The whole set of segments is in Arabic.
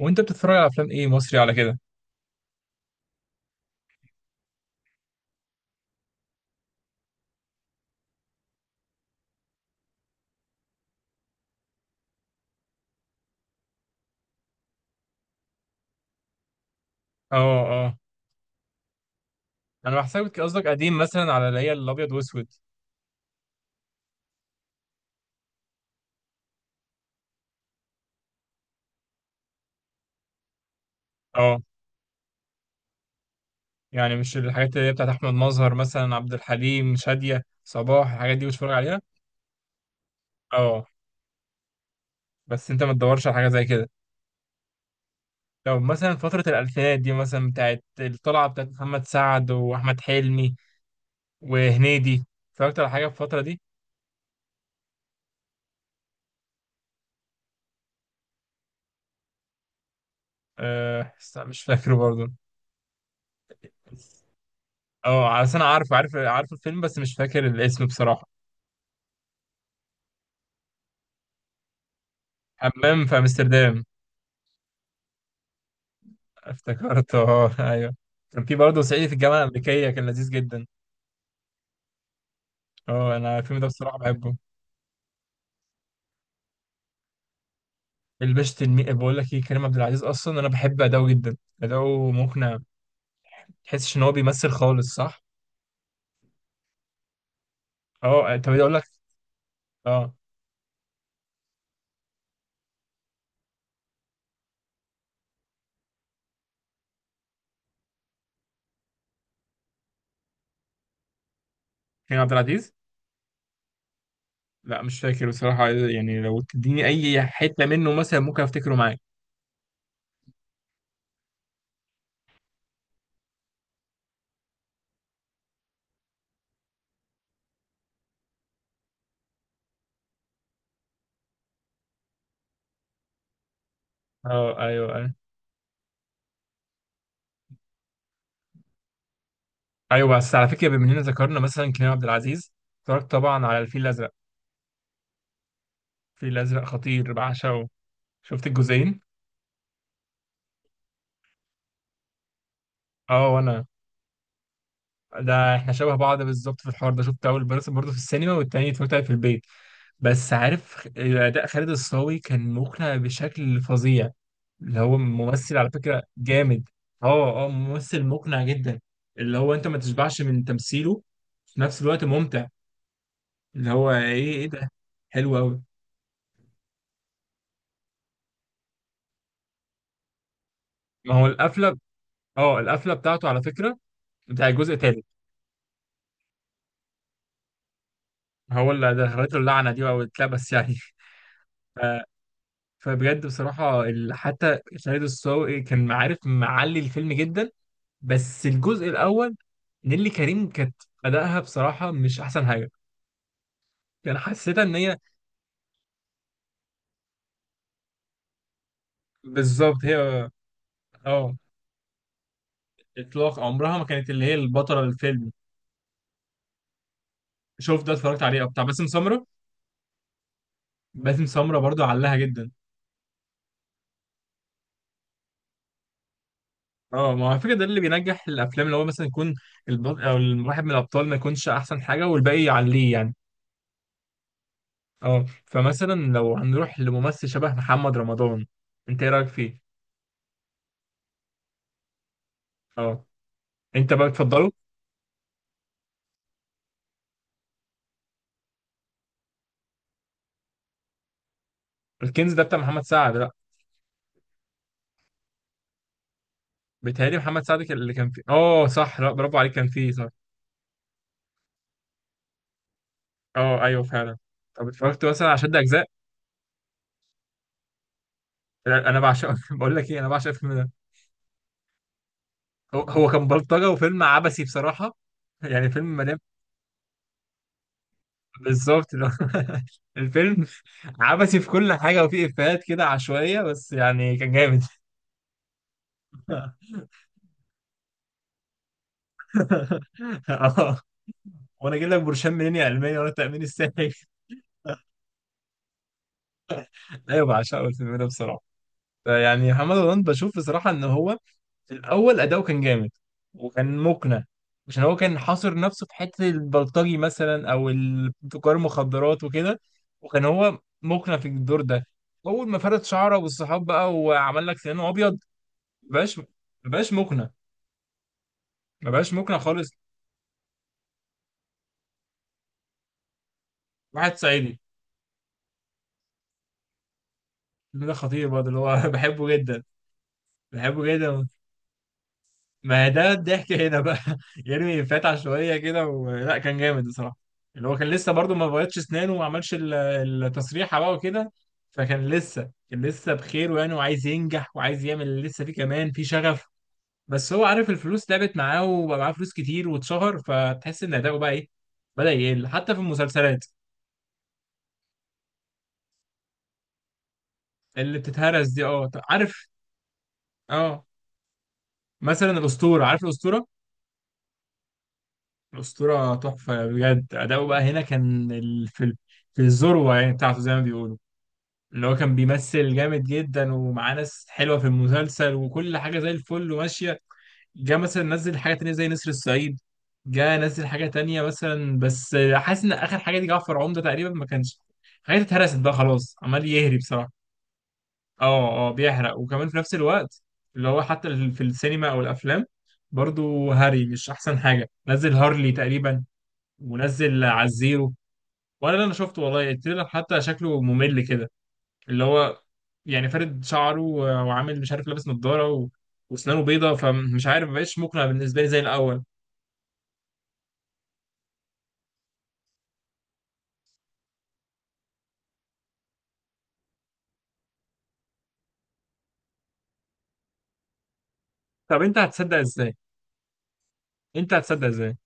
وانت بتتفرج على افلام ايه مصري على كده؟ اه، اه، انا بحسبك قصدك قديم مثلا، على اللي هي الابيض واسود. اه، يعني مش الحاجات اللي هي بتاعت احمد مظهر مثلا، عبد الحليم، شادية، صباح، الحاجات دي بتتفرج عليها؟ اه. بس انت ما تدورش على حاجة زي كده لو مثلا فترة الألفينات دي، مثلا بتاعت الطلعة بتاعت محمد سعد وأحمد حلمي وهنيدي؟ اتفرجت على حاجة في الفترة دي؟ أه، بس أنا مش فاكره برضه. اه، عشان أنا عارف عارف عارف الفيلم بس مش فاكر الاسم بصراحة. حمام في أمستردام. افتكرته اه أيوه. كان في برضه صعيدي في الجامعة الأمريكية، كان لذيذ جدا. اه، أنا الفيلم ده بصراحة بحبه. الباشا تلميذ، بقول لك إيه، كريم عبد العزيز أصلا أنا بحب أداؤه جدا. أداؤه مقنع. تحسش إن هو بيمثل خالص، صح؟ اه، طب أقول لك. اه، كريم عبد العزيز؟ لا مش فاكر بصراحة، يعني لو تديني أي حتة منه مثلا ممكن أفتكره معاك. أه أيوه أيوه. أيوه بس على فكرة، بما إننا ذكرنا مثلا كريم عبد العزيز، اتفرجت طبعا على الفيل الأزرق؟ الفيل الأزرق خطير، بعشقه. شفت الجزئين؟ أه، وأنا، ده إحنا شبه بعض بالظبط في الحوار ده. شفت أول بس برضه في السينما، والتاني اتفرجت عليه في البيت. بس عارف أداء خالد الصاوي كان مقنع بشكل فظيع. اللي هو ممثل على فكرة جامد. اه اه، ممثل مقنع جدا. اللي هو انت ما تشبعش من تمثيله. في نفس الوقت ممتع. اللي هو ايه ده؟ حلو قوي. ما هو القفلة، اه القفلة بتاعته على فكرة، بتاع الجزء التالت. هو اللي دخلته اللعنة دي او اتلبس يعني ف... فبجد بصراحة حتى خالد الصاوي كان عارف معلي الفيلم جدا. بس الجزء الأول، نيللي كريم كانت أداءها بصراحة مش أحسن حاجة. كان حسيتها إن هي، بالظبط هي. اه، اطلاق عمرها ما كانت اللي هي البطله للفيلم. شوف ده اتفرجت عليه بتاع باسم سمره؟ باسم سمره برضو علها جدا. اه، ما هو على فكره ده اللي بينجح الافلام، اللي هو مثلا يكون البطل او الواحد من الابطال ما يكونش احسن حاجه، والباقي يعليه يعني. اه، فمثلا لو هنروح لممثل شبه محمد رمضان، انت ايه رايك فيه؟ اه، انت بقى بتفضله؟ الكنز ده بتاع محمد سعد، لا؟ بيتهيألي محمد سعد اللي كان فيه، اه صح، لا برافو عليك كان فيه، صح. اه ايوه فعلا. طب اتفرجت مثلا على شد اجزاء؟ لا، انا بعشق بقول لك ايه، انا بعشق الفيلم ده. هو هو كان بلطجة وفيلم عبثي بصراحة. يعني فيلم مليان. بالظبط، اللي هو الفيلم عبثي في كل حاجة، وفيه إفيهات كده عشوائية، بس يعني كان جامد اه، وانا اجيب لك برشام منين يا علمية، وانا التأمين الصحي ايوه بعشقه الفيلم ده بصراحة. يعني محمد رمضان بشوف بصراحة ان هو في الاول اداؤه كان جامد، وكان مقنع، عشان هو كان حاصر نفسه في حته البلطجي مثلا، او تجار المخدرات وكده. وكان هو مقنع في الدور ده. اول ما فرد شعره والصحاب بقى، وعمل لك سنانه ابيض، مبقاش مبقاش مقنع، مبقاش مقنع خالص. واحد صعيدي. الفيلم ده خطير برضه، اللي هو بحبه جدا، بحبه جدا. ما ده الضحك هنا بقى يرمي فتحة شوية كده، ولا كان جامد بصراحة. اللي هو كان لسه برضو ما بيضش اسنانه، وما عملش التصريحة بقى وكده. فكان لسه بخير يعني، وعايز ينجح، وعايز يعمل اللي لسه فيه كمان في شغف. بس هو عارف الفلوس لعبت معاه وبقى معاه فلوس كتير واتشهر، فتحس ان اداؤه بقى ايه، بدأ يقل حتى في المسلسلات اللي بتتهرس دي، اه عارف. اه، مثلا الأسطورة، عارف الأسطورة؟ أسطورة تحفة بجد، أداؤه بقى هنا كان في الذروة يعني بتاعته زي ما بيقولوا. اللي هو كان بيمثل جامد جدا، ومعاه ناس حلوة في المسلسل، وكل حاجة زي الفل وماشية. جه مثلا نزل حاجة تانية زي نسر الصعيد، جه نزل حاجة تانية مثلا، بس حاسس إن آخر حاجة دي جعفر عمدة تقريبا ما كانش، حاجات اتهرست بقى خلاص، عمال يهري بصراحة. اه اه، بيحرق وكمان في نفس الوقت اللي هو حتى في السينما أو الأفلام، برضو هاري مش أحسن حاجة. نزل هارلي تقريبا، منزل على الزيرو. ولا اللي انا شفته والله، التريلر حتى شكله ممل كده. اللي هو يعني فارد شعره وعامل مش عارف، لابس نظارة واسنانه بيضة، فمش عارف مبقاش مقنع بالنسبة لي زي الأول. طب أنت هتصدق إزاي؟ أنت هتصدق إزاي؟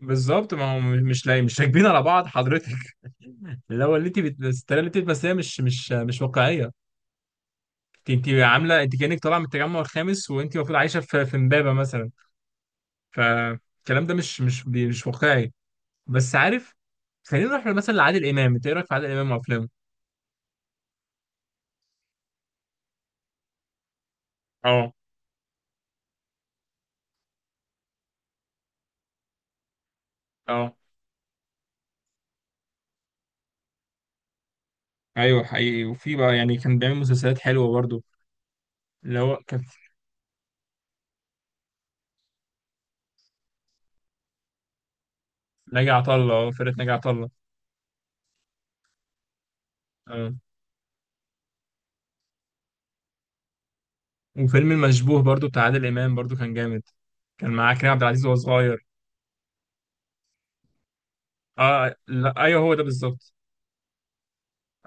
بالظبط، ما هو مش لاقي، مش راكبين على بعض حضرتك اللي هو الطريقة اللي أنت بتمثليها مش واقعية. أنت عاملة، أنت كأنك طالعة من التجمع الخامس، وأنت المفروض عايشة في في إمبابة مثلا. فالكلام ده مش واقعي. بس عارف، خلينا نروح مثلا لعادل امام، انت ايه رايك في عادل امام وافلامه؟ اه اه، ايوه حقيقي. وفي بقى يعني كان بيعمل مسلسلات حلوه برضو. اللي هو ناجي عطا الله، اه فرقه ناجي عطا الله. اه، وفيلم المشبوه برضو بتاع عادل امام برضو كان جامد. كان معاه كريم عبد العزيز وهو صغير. اه، لا ايوه هو ده بالظبط.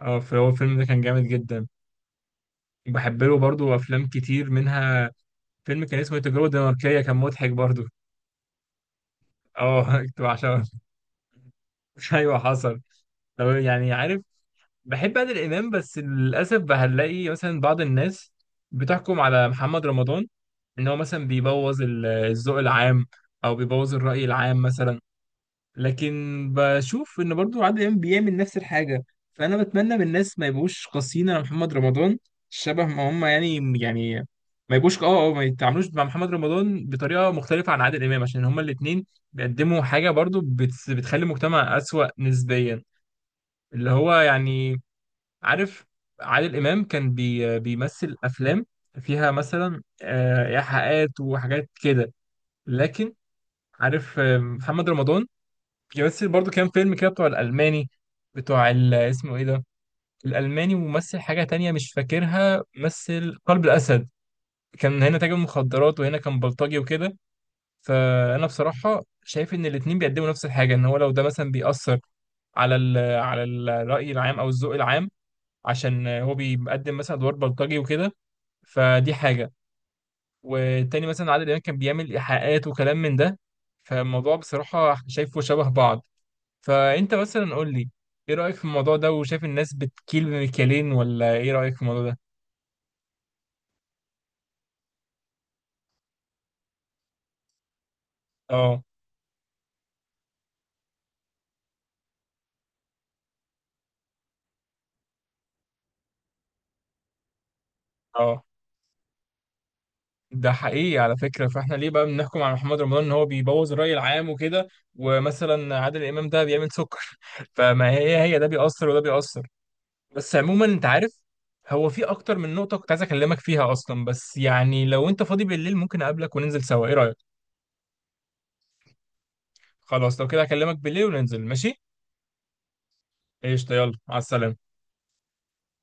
اه، فهو الفيلم ده كان جامد جدا. وبحب له برضو افلام كتير منها، فيلم كان اسمه التجربه الدنماركيه، كان مضحك برضو. اه كنت بعشقه ايوه حصل. طب يعني عارف، بحب عادل امام، بس للاسف هنلاقي مثلا بعض الناس بتحكم على محمد رمضان ان هو مثلا بيبوظ الذوق العام، او بيبوظ الرأي العام مثلا. لكن بشوف ان برضو عادل امام بيعمل نفس الحاجة. فانا بتمنى من الناس ما يبقوش قاسيين على محمد رمضان شبه ما هم، يعني يعني ما يبقوش اه اه، ما يتعاملوش مع محمد رمضان بطريقة مختلفة عن عادل امام، عشان هما الاتنين بيقدموا حاجة برضو بتخلي المجتمع أسوأ نسبيا. اللي هو يعني، عارف، عادل إمام كان بيمثل أفلام فيها مثلا إيحاءات وحاجات كده. لكن عارف، محمد رمضان بيمثل برضو كام فيلم كده بتوع الألماني، بتوع اسمه إيه ده، الألماني، وممثل حاجة تانية مش فاكرها، مثل قلب الأسد، كان هنا تاجر مخدرات، وهنا كان بلطجي وكده. فأنا بصراحة شايف إن الاتنين بيقدموا نفس الحاجة، إن هو لو ده مثلا بيأثر على على الرأي العام أو الذوق العام، عشان هو بيقدم مثلا ادوار بلطجي وكده، فدي حاجه. والتاني مثلا عادل امام كان بيعمل ايحاءات وكلام من ده. فالموضوع بصراحه شايفه شبه بعض. فانت مثلا قول لي، ايه رايك في الموضوع ده، وشايف الناس بتكيل بمكيالين، ولا ايه رايك في الموضوع ده؟ اه اه، ده حقيقي على فكرة. فاحنا ليه بقى بنحكم على محمد رمضان ان هو بيبوظ الرأي العام وكده، ومثلا عادل امام ده بيعمل سكر فما هي ده بيأثر وده بيأثر. بس عموما انت عارف، هو في اكتر من نقطة كنت عايز اكلمك فيها اصلا، بس يعني لو انت فاضي بالليل ممكن اقابلك وننزل سوا، ايه رأيك؟ خلاص لو كده هكلمك بالليل وننزل، ماشي. قشطة، يلا على السلامة.